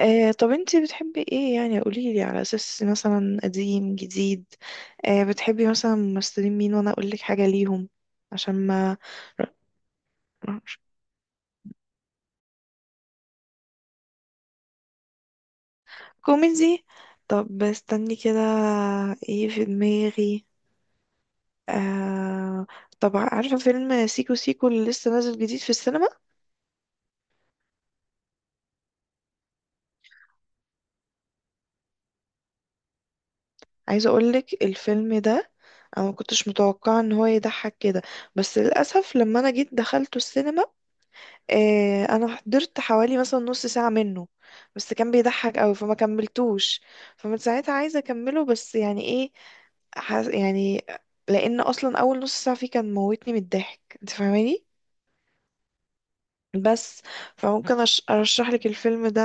آه، طب انتي بتحبي ايه يعني؟ قوليلي على اساس مثلا قديم جديد. آه، بتحبي مثلا ممثلين مين وانا اقولك حاجة ليهم عشان ما. كوميدي. طب استني كده، ايه في دماغي. آه، طب عارفة فيلم سيكو سيكو اللي لسه نازل جديد في السينما؟ عايزة اقولك الفيلم ده، انا ما كنتش متوقعة ان هو يضحك كده. بس للأسف لما انا جيت دخلته السينما، انا حضرت حوالي مثلا نص ساعة منه. بس كان بيضحك قوي فما كملتوش. فمن ساعتها عايزة اكمله، بس يعني ايه. يعني لان اصلا اول نص ساعة فيه كان موتني من الضحك، انت فاهماني؟ بس فممكن ارشح لك الفيلم ده،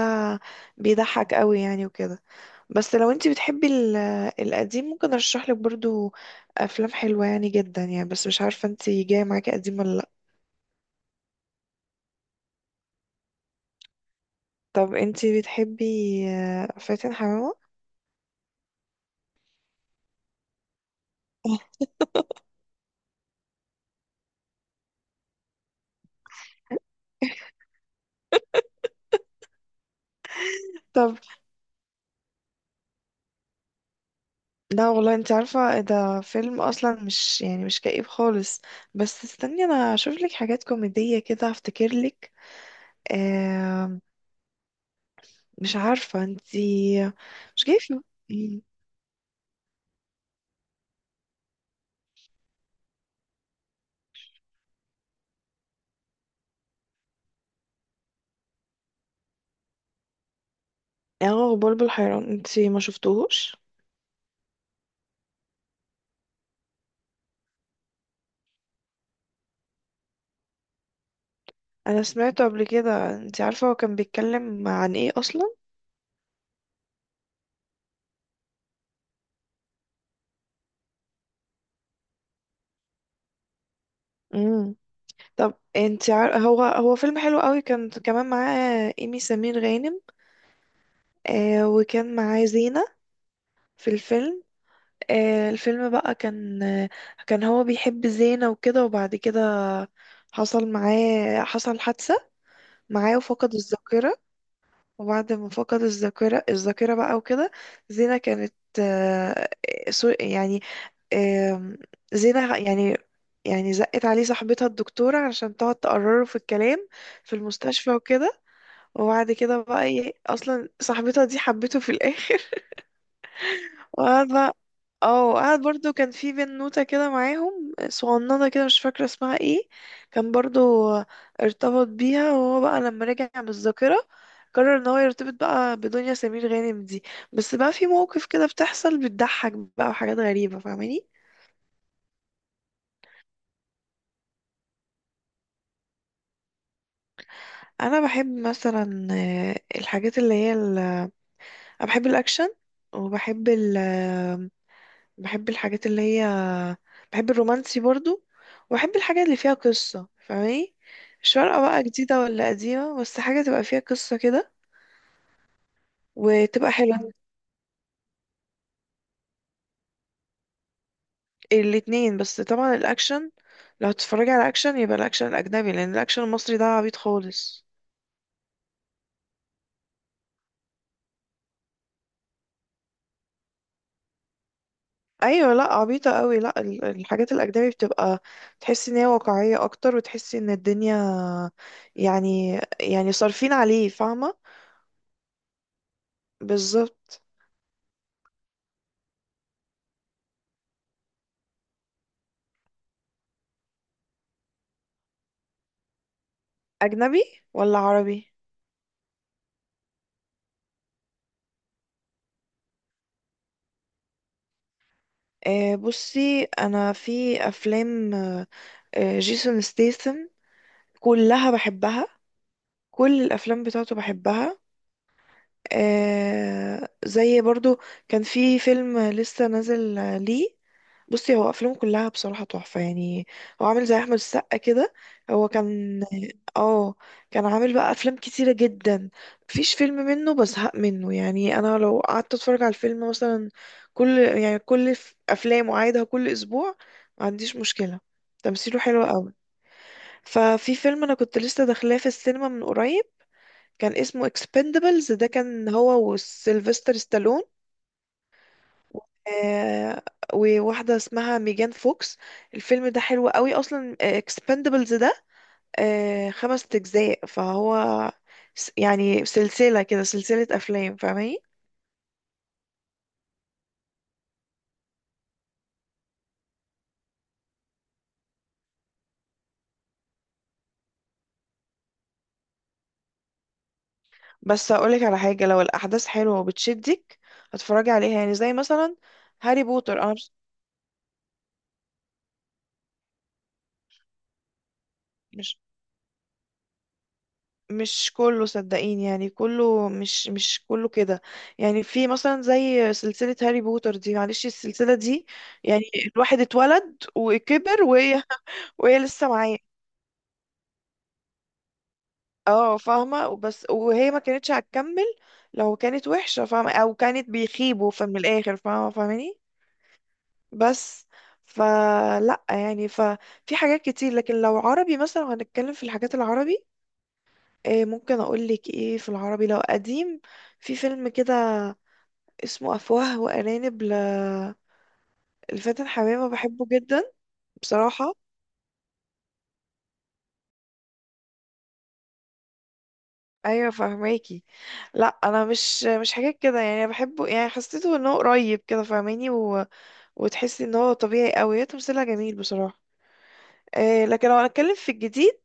بيضحك قوي يعني وكده. بس لو انت بتحبي القديم ممكن ارشح لك برضو افلام حلوة يعني جدا يعني، بس مش عارفة انت جاية معاكي قديم ولا لا. طب انت بتحبي فاتن حمامة؟ طب لا والله انت عارفة ده فيلم اصلا مش يعني مش كئيب خالص. بس استني انا اشوف لك حاجات كوميدية كده افتكر لك. آه، مش عارفة انت، مش جاي في مم. اه، بلبل حيران، انت ما شفتوهوش؟ انا سمعته قبل كده. انت عارفة هو كان بيتكلم عن ايه اصلا؟ امم، طب انت هو فيلم حلو قوي، كان كمان معاه ايمي سمير غانم. آه، وكان معاه زينة في الفيلم. آه، الفيلم بقى كان، آه، كان هو بيحب زينة وكده. وبعد كده حصل معاه، حصل حادثة معاه وفقد الذاكرة. وبعد ما فقد الذاكرة بقى وكده، زينة كانت، آه، يعني، آم، زينة يعني، يعني زقت عليه صاحبتها الدكتورة عشان تقعد تقرره في الكلام في المستشفى وكده. وبعد كده بقى ايه، اصلا صاحبتها دي حبته في الاخر وقاعدة. اه، وقعد برضو كان في بنوتة كده معاهم صغننة كده، مش فاكرة اسمها ايه، كان برضو ارتبط بيها. وهو بقى لما رجع بالذاكرة قرر ان هو يرتبط بقى بدنيا سمير غانم دي. بس بقى في مواقف كده بتحصل بتضحك بقى وحاجات غريبة، فاهماني؟ انا بحب مثلا، الحاجات اللي هي انا بحب الاكشن، وبحب بحب الحاجات اللي هي، بحب الرومانسي برضو، وبحب الحاجات اللي فيها قصة، فاهماني؟ مش فارقة بقى جديدة ولا قديمة، بس حاجة تبقى فيها قصة كده وتبقى حلوة. الاتنين، بس طبعا الأكشن، لو هتتفرجي على أكشن يبقى الأكشن الأجنبي، لأن الأكشن المصري ده عبيط خالص. أيوة، لأ عبيطة قوي. لأ، الحاجات الأجنبي بتبقى تحسي إن هي واقعية أكتر، وتحسي إن الدنيا يعني، يعني صارفين عليه، فاهمة؟ بالظبط. أجنبي ولا عربي؟ آه، بصي انا في افلام، آه، آه، جيسون ستيثم كلها بحبها، كل الافلام بتاعته بحبها. آه، زي برضو كان في فيلم لسه نازل، ليه. بصي هو افلامه كلها بصراحه تحفه يعني، هو عامل زي احمد السقا كده. هو كان، اه، كان عامل بقى افلام كتيره جدا. مفيش فيلم منه بزهق منه، يعني انا لو قعدت اتفرج على الفيلم مثلا، كل يعني كل افلامه عايدها كل اسبوع ما عنديش مشكله. تمثيله حلو قوي. ففي فيلم انا كنت لسه داخلاه في السينما من قريب، كان اسمه اكسبندبلز، ده كان هو وسيلفستر ستالون، آه، وواحدة اسمها ميجان فوكس. الفيلم ده حلو قوي أصلا، اكسبندبلز ده آه خمس أجزاء، فهو يعني سلسلة كده، سلسلة أفلام فاهماني؟ بس أقولك على حاجة، لو الأحداث حلوة وبتشدك هتفرجي عليها، يعني زي مثلا هاري بوتر. أنا مش، مش- مش كله، صدقيني يعني كله مش، مش كله كده. يعني في مثلا زي سلسلة هاري بوتر دي، معلش السلسلة دي يعني الواحد اتولد وكبر وهي وهي لسه معاه. اه فاهمة، بس وهي ما كانتش هتكمل لو كانت وحشة، فاهمة؟ او كانت بيخيبوا فمن الاخر، فاهمة؟ فاهماني؟ بس فلا يعني، ففي حاجات كتير. لكن لو عربي مثلا هنتكلم في الحاجات العربي، إيه ممكن اقول لك ايه في العربي؟ لو قديم، في فيلم كده اسمه أفواه وأرانب، لفاتن حمامة، بحبه جدا بصراحة. أيوة فهماكي، لا أنا مش، مش حاجات كده يعني، أنا بحبه يعني، حسيته إن هو قريب كده فاهماني. و... وتحسي إن هو طبيعي أوي، هي تمثيلها جميل بصراحة. آه، لكن لو هنتكلم في الجديد،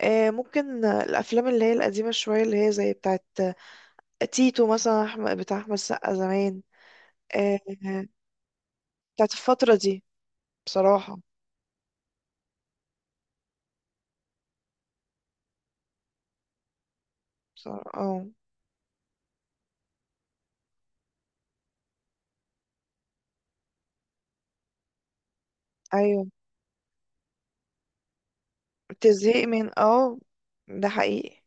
آه، ممكن الأفلام اللي هي القديمة شوية، اللي هي زي بتاعت تيتو مثلا، أحمد بتاع أحمد السقا زمان. آه، بتاعت الفترة دي. بصراحة، بصراحة اه. أيوة، بتزهقي من، اه ده حقيقي،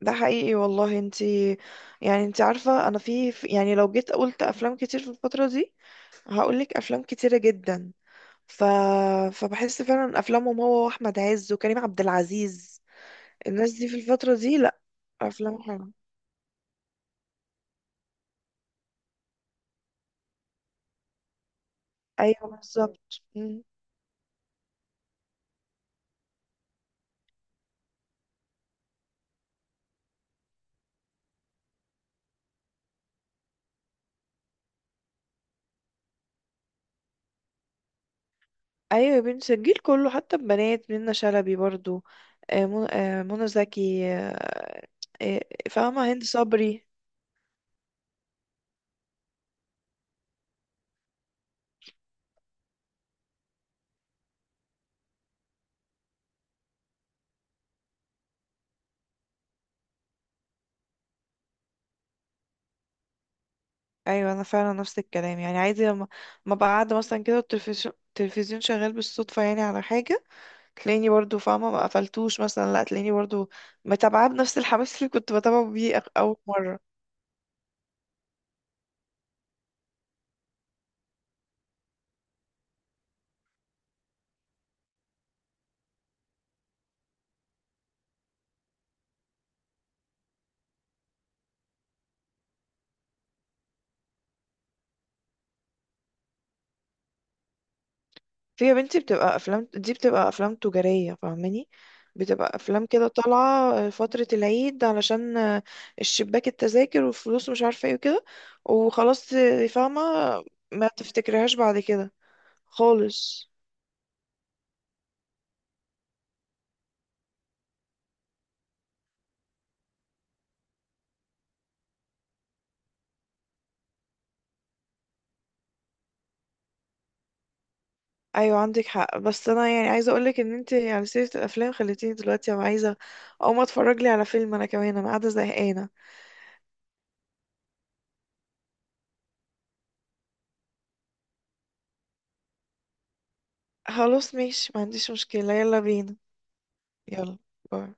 ده حقيقي والله. انتي يعني انتي عارفة انا في يعني لو جيت قلت افلام كتير في الفترة دي هقولك افلام كتيرة جدا. ف... فبحس فعلا افلامهم هو واحمد عز وكريم عبد العزيز، الناس دي في الفترة دي، لا افلام حلوة. ايوه بالظبط. ايوه يا بنتي الجيل كله، حتى البنات منة شلبي برضو، آه، آه، منى زكي، آه، آه، فاهمة، هند صبري. ايوه انا فعلا نفس الكلام، يعني عادي لما ما بقى قاعده مثلا كده، والتلفزيون التلفزيون شغال بالصدفه يعني على حاجه، تلاقيني برضو فاهمه ما قفلتوش مثلا، لا تلاقيني برضو متابعاه بنفس الحماس اللي كنت بتابعه بيه اول مره. في يا بنتي، بتبقى افلام دي بتبقى افلام تجاريه فاهماني، بتبقى افلام كده طالعه فتره العيد علشان الشباك التذاكر والفلوس ومش عارفه ايه وكده، وخلاص فاهمه، ما تفتكرهاش بعد كده خالص. ايوه عندك حق، بس انا يعني عايزه اقولك ان انت على سيره الافلام خليتيني دلوقتي ابقى عايزه اقوم اتفرج لي على فيلم، انا كمان انا قاعده زهقانه. خلاص ماشي ما عنديش مشكله، يلا بينا. يلا باي.